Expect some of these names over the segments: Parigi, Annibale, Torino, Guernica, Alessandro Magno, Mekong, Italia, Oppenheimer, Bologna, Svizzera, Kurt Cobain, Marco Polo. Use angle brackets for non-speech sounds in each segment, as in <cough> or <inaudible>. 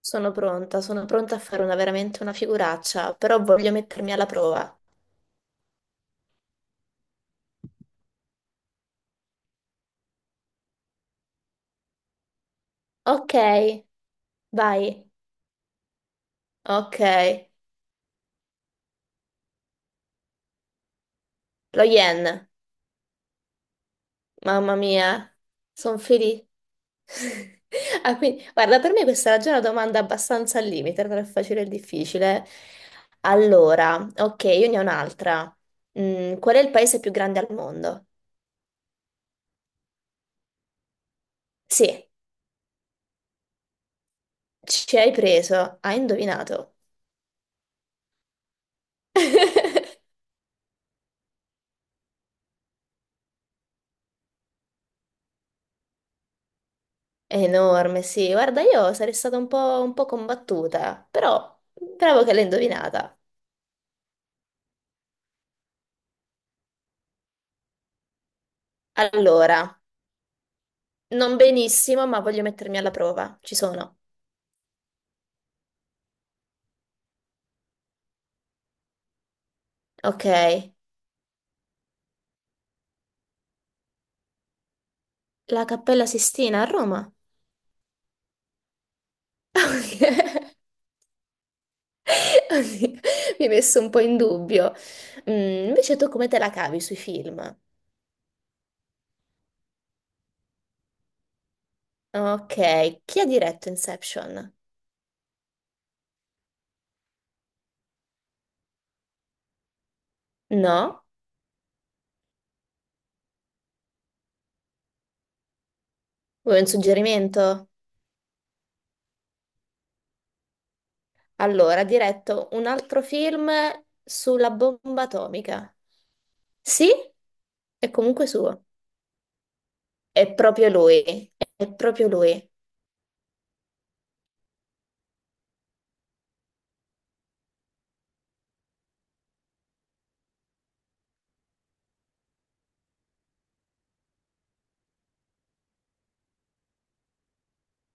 Sono pronta, a fare una, veramente una figuraccia, però voglio mettermi alla prova. Ok, vai. Ok, lo yen. Mamma mia, sono felice. <laughs> Ah, quindi, guarda, per me questa era già una domanda abbastanza al limite, tra il facile e il difficile. Allora, ok, io ne ho un'altra. Mm, qual è il paese più grande al mondo? Sì, ci hai preso, hai indovinato. <laughs> È enorme, sì. Guarda, io sarei stata un po' combattuta, però bravo che l'hai indovinata. Allora, non benissimo, ma voglio mettermi alla prova. Ci sono. Ok. La Cappella Sistina a Roma. <laughs> Ok. Oddio, mi hai messo un po' in dubbio. Mm, invece tu come te la cavi sui film? Ok. Chi ha diretto Inception? No? Vuoi un suggerimento? Allora, ha diretto un altro film sulla bomba atomica. Sì, è comunque suo. È proprio lui. È proprio lui.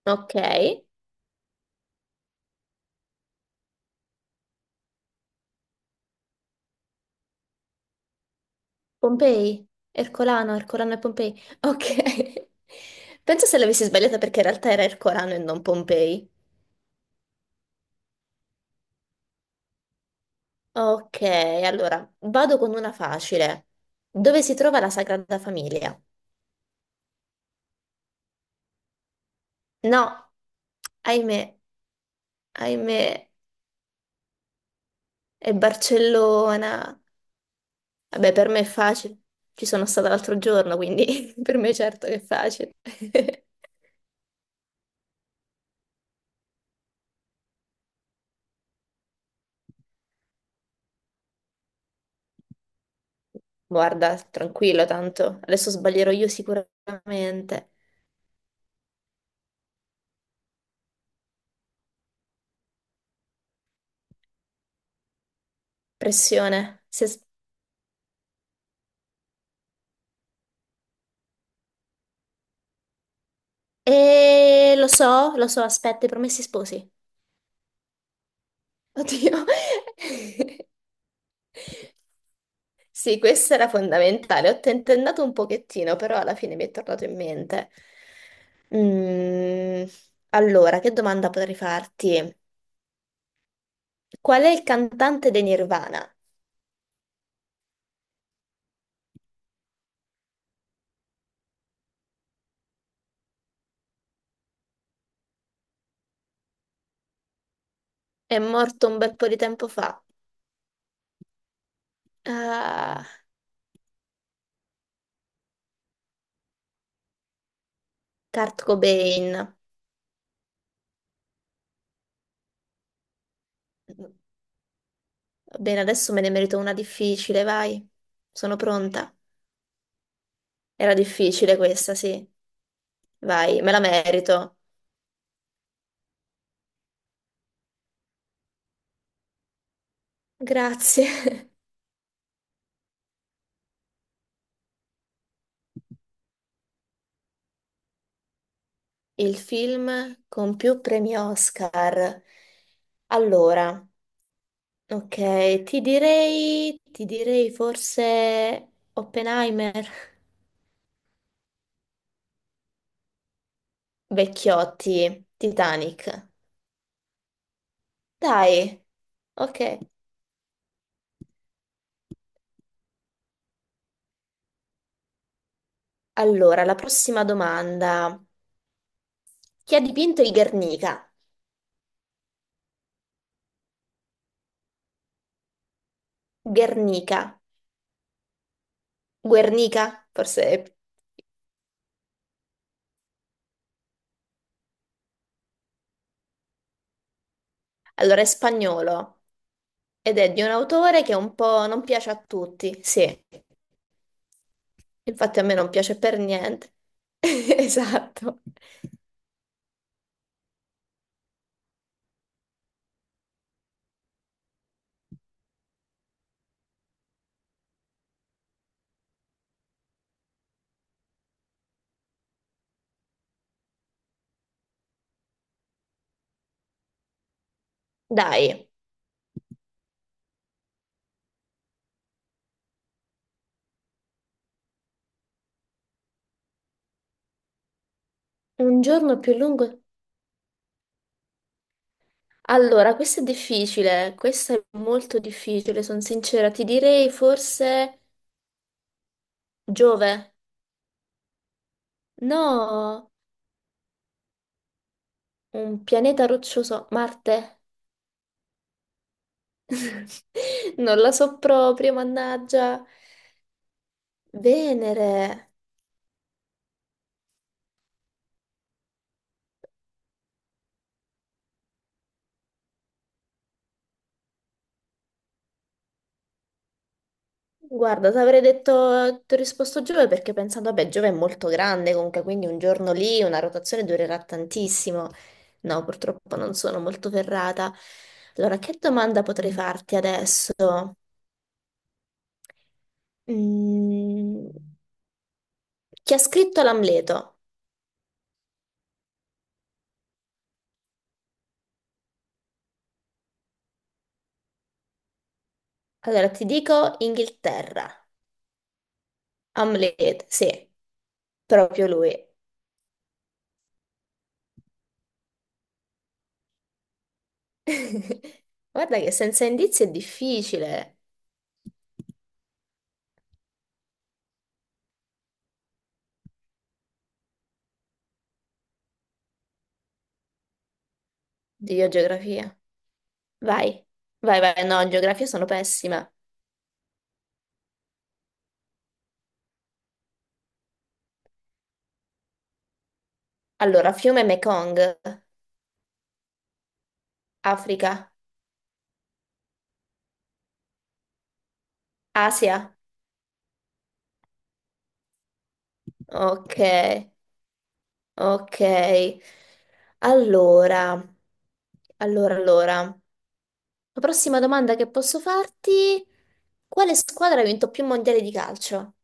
Ok. Pompei. Ercolano, Ercolano e Pompei. Ok. <laughs> Penso se l'avessi sbagliata perché in realtà era Ercolano e non Pompei. Ok, allora vado con una facile. Dove si trova la Sagrada Famiglia? No, ahimè, ahimè, è Barcellona. Vabbè, per me è facile. Ci sono stata l'altro giorno, quindi <laughs> per me certo che è facile. <laughs> Guarda, tranquillo tanto. Adesso sbaglierò io sicuramente. Pressione. Se s- lo so, aspetta, i promessi sposi. Oddio. <laughs> Sì, questa era fondamentale. Ho tentennato un pochettino, però alla fine mi è tornato in mente. Mm, allora, che domanda potrei farti? Qual è il cantante dei Nirvana? È morto un bel po' di tempo fa. Ah, Kurt Cobain. Bene, adesso me ne merito una difficile, vai. Sono pronta. Era difficile questa, sì. Vai, me la merito. Grazie. <laughs> Il film con più premi Oscar. Allora, ok, ti direi, forse Oppenheimer. <laughs> Vecchiotti, Titanic. Dai, ok. Allora, la prossima domanda. Chi ha dipinto il Guernica? Guernica. Guernica, forse. è- Allora, è spagnolo ed è di un autore che un po' non piace a tutti. Sì, infatti a me non piace per niente. <laughs> Esatto. Dai, un giorno più lungo. Allora, questo è difficile, questo è molto difficile, sono sincera, ti direi forse Giove. No, un pianeta roccioso, Marte. <laughs> Non la so proprio, mannaggia. Venere. Guarda, ti avrei detto, ti ho risposto Giove perché pensando, vabbè, Giove è molto grande comunque, quindi un giorno lì una rotazione durerà tantissimo. No, purtroppo non sono molto ferrata. Allora, che domanda potrei farti adesso? Mm, chi ha scritto l'Amleto? Allora, ti dico Inghilterra. Hamlet, sì, proprio lui. <laughs> Guarda che senza indizi è difficile. Dio, geografia. Vai, no, in geografia sono pessima. Allora, fiume Mekong, Africa, Asia. Ok, ok. Allora, allora. La prossima domanda che posso farti, quale squadra ha vinto più mondiali di calcio?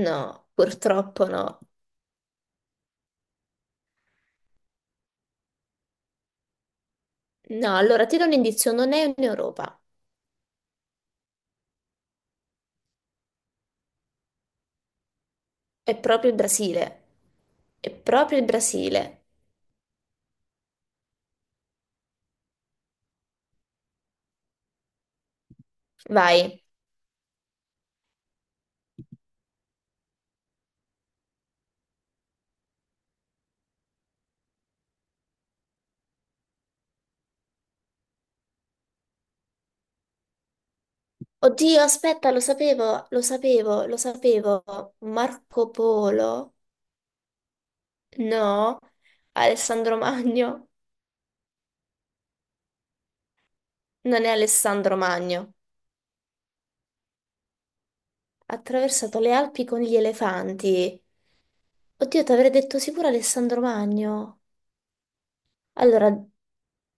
No, purtroppo no. No, allora ti do un indizio, non è in Europa, è proprio il Brasile. È proprio il Brasile. Vai. Oddio, aspetta, lo sapevo, lo sapevo. Marco Polo. No, Alessandro Magno, non è Alessandro Magno. Ha attraversato le Alpi con gli elefanti. Oddio, ti avrei detto sicuro Alessandro Magno. Allora,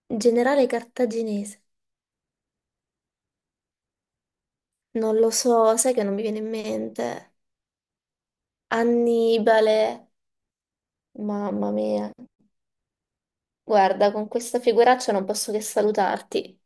generale cartaginese. Non lo so, sai che non mi viene in mente. Annibale. Mamma mia. Guarda, con questa figuraccia non posso che salutarti.